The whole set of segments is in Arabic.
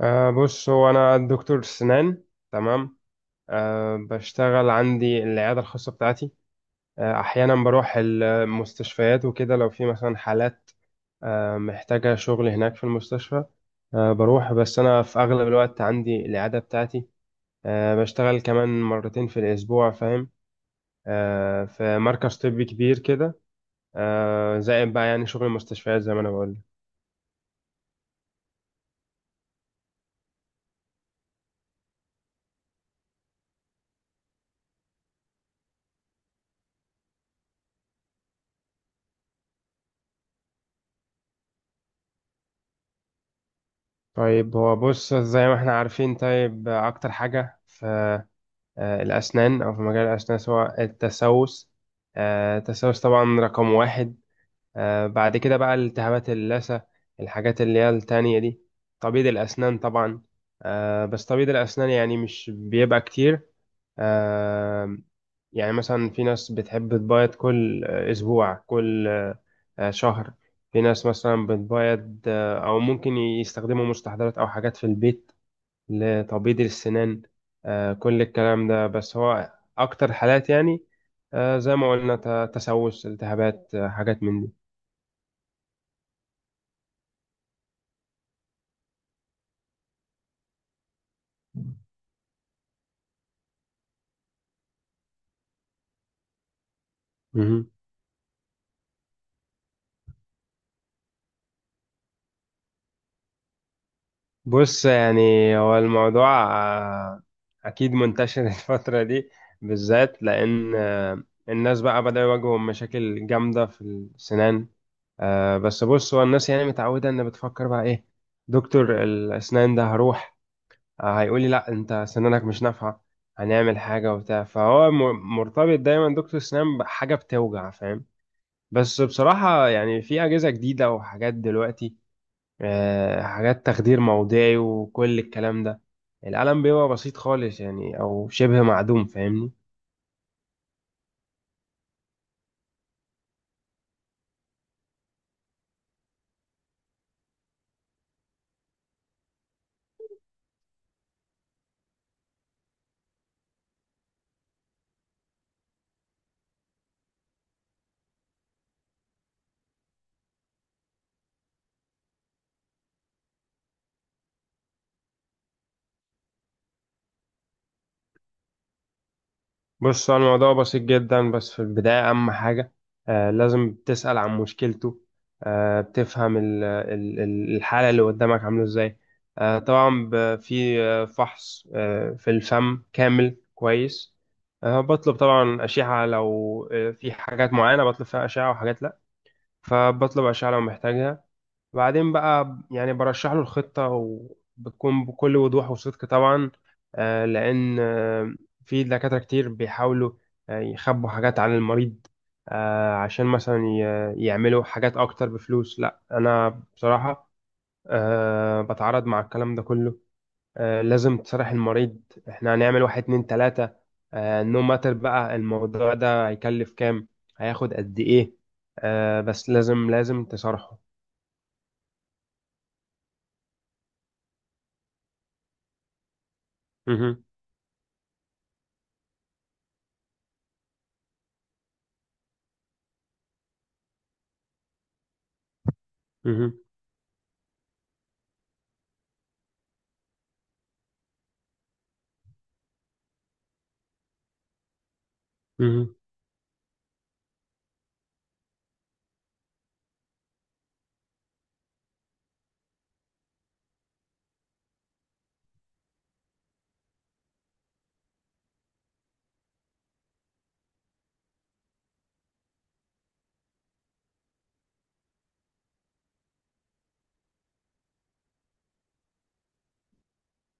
بص هو أنا دكتور سنان. تمام. بشتغل عندي العيادة الخاصة بتاعتي. أحيانا بروح المستشفيات وكده لو في مثلا حالات محتاجة شغل هناك في المستشفى. بروح، بس أنا في أغلب الوقت عندي العيادة بتاعتي. بشتغل كمان مرتين في الأسبوع، فاهم؟ في مركز طبي كبير كده، زائد بقى يعني شغل المستشفيات زي ما أنا بقول. طيب هو بص زي ما احنا عارفين، طيب أكتر حاجة في الأسنان أو في مجال الأسنان، سواء التسوس. التسوس طبعا رقم واحد. بعد كده بقى التهابات اللثة، الحاجات اللي هي التانية دي. تبييض الأسنان طبعا. بس تبييض الأسنان يعني مش بيبقى كتير. آه، يعني مثلا في ناس بتحب تبيض كل أسبوع، كل شهر. في ناس مثلا بتبيض أو ممكن يستخدموا مستحضرات أو حاجات في البيت لتبييض السنان. كل الكلام ده. بس هو أكتر حالات يعني زي ما قلنا تسوس، التهابات، حاجات من دي. مهم. بص يعني، هو الموضوع أكيد منتشر الفترة دي بالذات، لأن الناس بقى بدأوا يواجهوا مشاكل جامدة في السنان. بس بص، هو الناس يعني متعودة إن بتفكر بقى إيه. دكتور الأسنان ده هروح هيقول لي لا انت سنانك مش نافعه، هنعمل حاجه وبتاع. فهو مرتبط دايما دكتور سنان بحاجه بتوجع، فاهم؟ بس بصراحه يعني في اجهزه جديده وحاجات دلوقتي، حاجات تخدير موضعي وكل الكلام ده. القلم بيبقى بسيط خالص يعني، او شبه معدوم، فاهمني؟ بص هو الموضوع بسيط جدا، بس في البداية أهم حاجة لازم تسأل عن مشكلته. بتفهم الحالة اللي قدامك عاملة إزاي. طبعا في فحص في الفم كامل كويس. بطلب طبعا أشعة لو في حاجات معينة بطلب فيها أشعة، وحاجات لأ. فبطلب أشعة لو محتاجها. بعدين بقى يعني برشح له الخطة، وبتكون بكل وضوح وصدق طبعا. لأن في دكاترة كتير بيحاولوا يخبوا حاجات عن المريض عشان مثلا يعملوا حاجات أكتر بفلوس. لا، أنا بصراحة بتعارض مع الكلام ده كله. لازم تصرح المريض، احنا هنعمل واحد اتنين تلاتة. No matter بقى الموضوع ده هيكلف كام، هياخد قد ايه. بس لازم لازم تصرحه. مهم. مهم. مهم.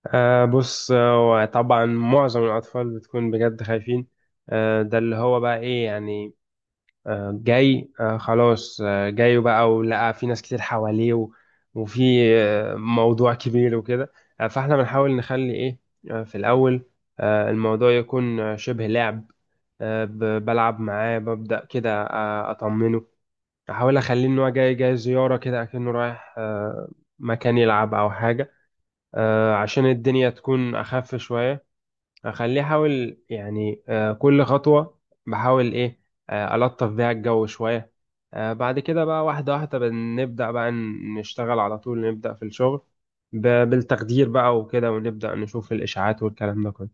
بص، طبعا معظم الأطفال بتكون بجد خايفين. ده اللي هو بقى إيه يعني. جاي خلاص، جاي بقى ولقى في ناس كتير حواليه، وفي موضوع كبير وكده. فإحنا بنحاول نخلي إيه. في الأول الموضوع يكون شبه لعب. بلعب معاه، ببدأ كده، أطمنه، أحاول أخليه إن هو جاي جاي زيارة كده، أكنه رايح مكان يلعب أو حاجة. عشان الدنيا تكون أخف شوية. أخليه، أحاول يعني كل خطوة بحاول إيه. ألطف بيها الجو شوية. بعد كده بقى واحدة واحدة بنبدأ بقى نشتغل على طول، نبدأ في الشغل بالتقدير بقى وكده، ونبدأ نشوف الإشاعات والكلام ده كله.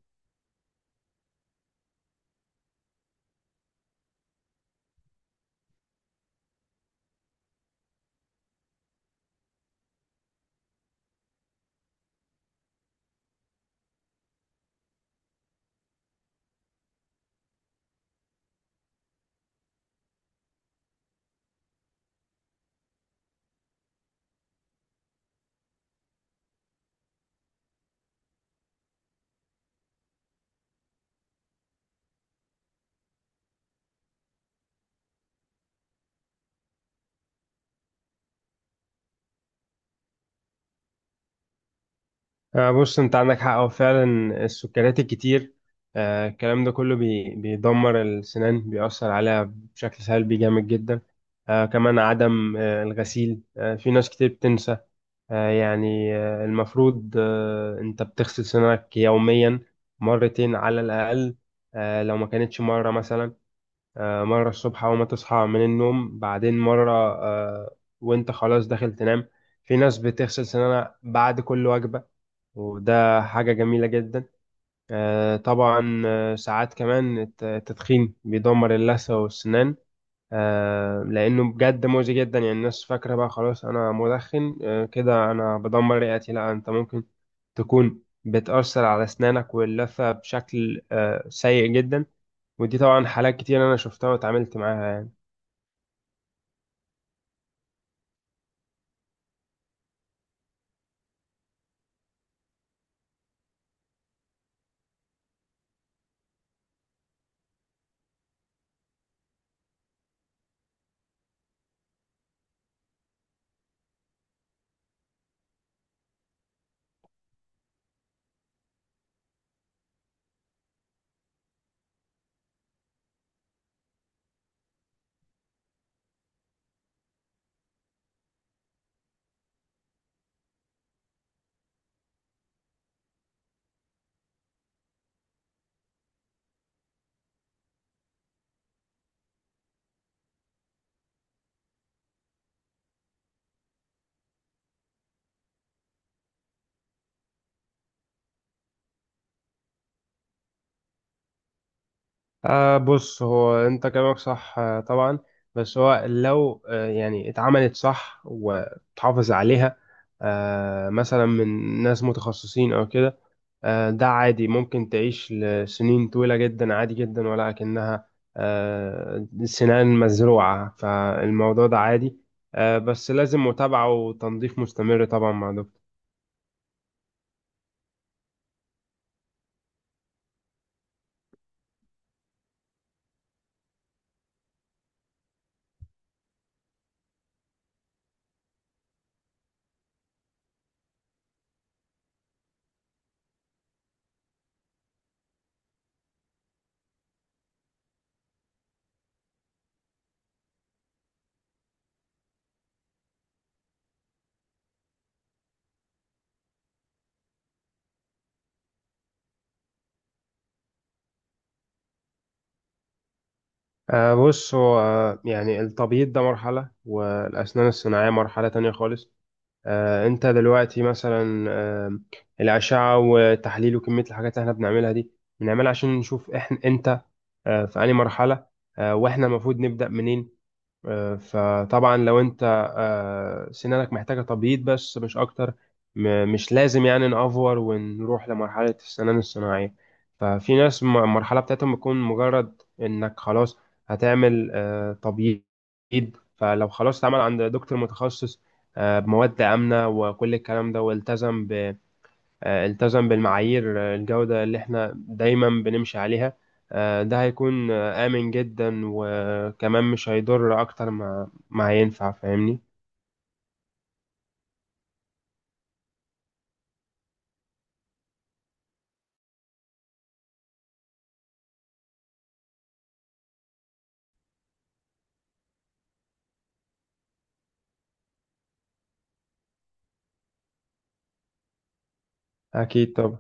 بص أنت عندك حق، هو فعلا السكريات الكتير الكلام ده كله بيدمر السنان، بيأثر عليها بشكل سلبي جامد جدا. كمان عدم الغسيل. في ناس كتير بتنسى. يعني المفروض انت بتغسل سنانك يوميا مرتين على الأقل. لو ما كانتش مرة، مثلا مرة الصبح أول ما تصحى من النوم، بعدين مرة وانت خلاص داخل تنام. في ناس بتغسل سنانها بعد كل وجبة، وده حاجة جميلة جدا. طبعا ساعات كمان التدخين بيدمر اللثة والسنان. لانه بجد مؤذي جدا. يعني الناس فاكره بقى خلاص انا مدخن كده انا بدمر رئتي. لا، انت ممكن تكون بتاثر على اسنانك واللثه بشكل سيء جدا. ودي طبعا حالات كتير انا شفتها واتعاملت معاها يعني. بص، هو انت كلامك صح طبعا. بس هو لو يعني اتعملت صح وتحافظ عليها مثلا من ناس متخصصين او كده، ده عادي، ممكن تعيش لسنين طويلة جدا عادي جدا. ولكنها سنان مزروعة، فالموضوع ده عادي. بس لازم متابعة وتنظيف مستمر طبعا مع دكتور. بص هو يعني التبييض ده مرحلة، والأسنان الصناعية مرحلة تانية خالص. أنت دلوقتي مثلا الأشعة وتحليل وكمية الحاجات اللي احنا بنعملها دي، بنعملها عشان نشوف احنا أنت في أي مرحلة، واحنا المفروض نبدأ منين. فطبعا لو انت سنانك محتاجة تبييض بس مش اكتر، مش لازم يعني نأفور ونروح لمرحلة السنان الصناعية. ففي ناس المرحلة بتاعتهم بتكون مجرد انك خلاص هتعمل تبييض. فلو خلاص اتعمل عند دكتور متخصص بمواد آمنة وكل الكلام ده، والتزم التزم بالمعايير الجودة اللي احنا دايما بنمشي عليها. ده هيكون آمن جدا، وكمان مش هيضر أكتر ما هينفع، فاهمني؟ أكيد طبعا.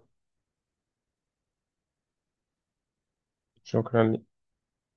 شكرا.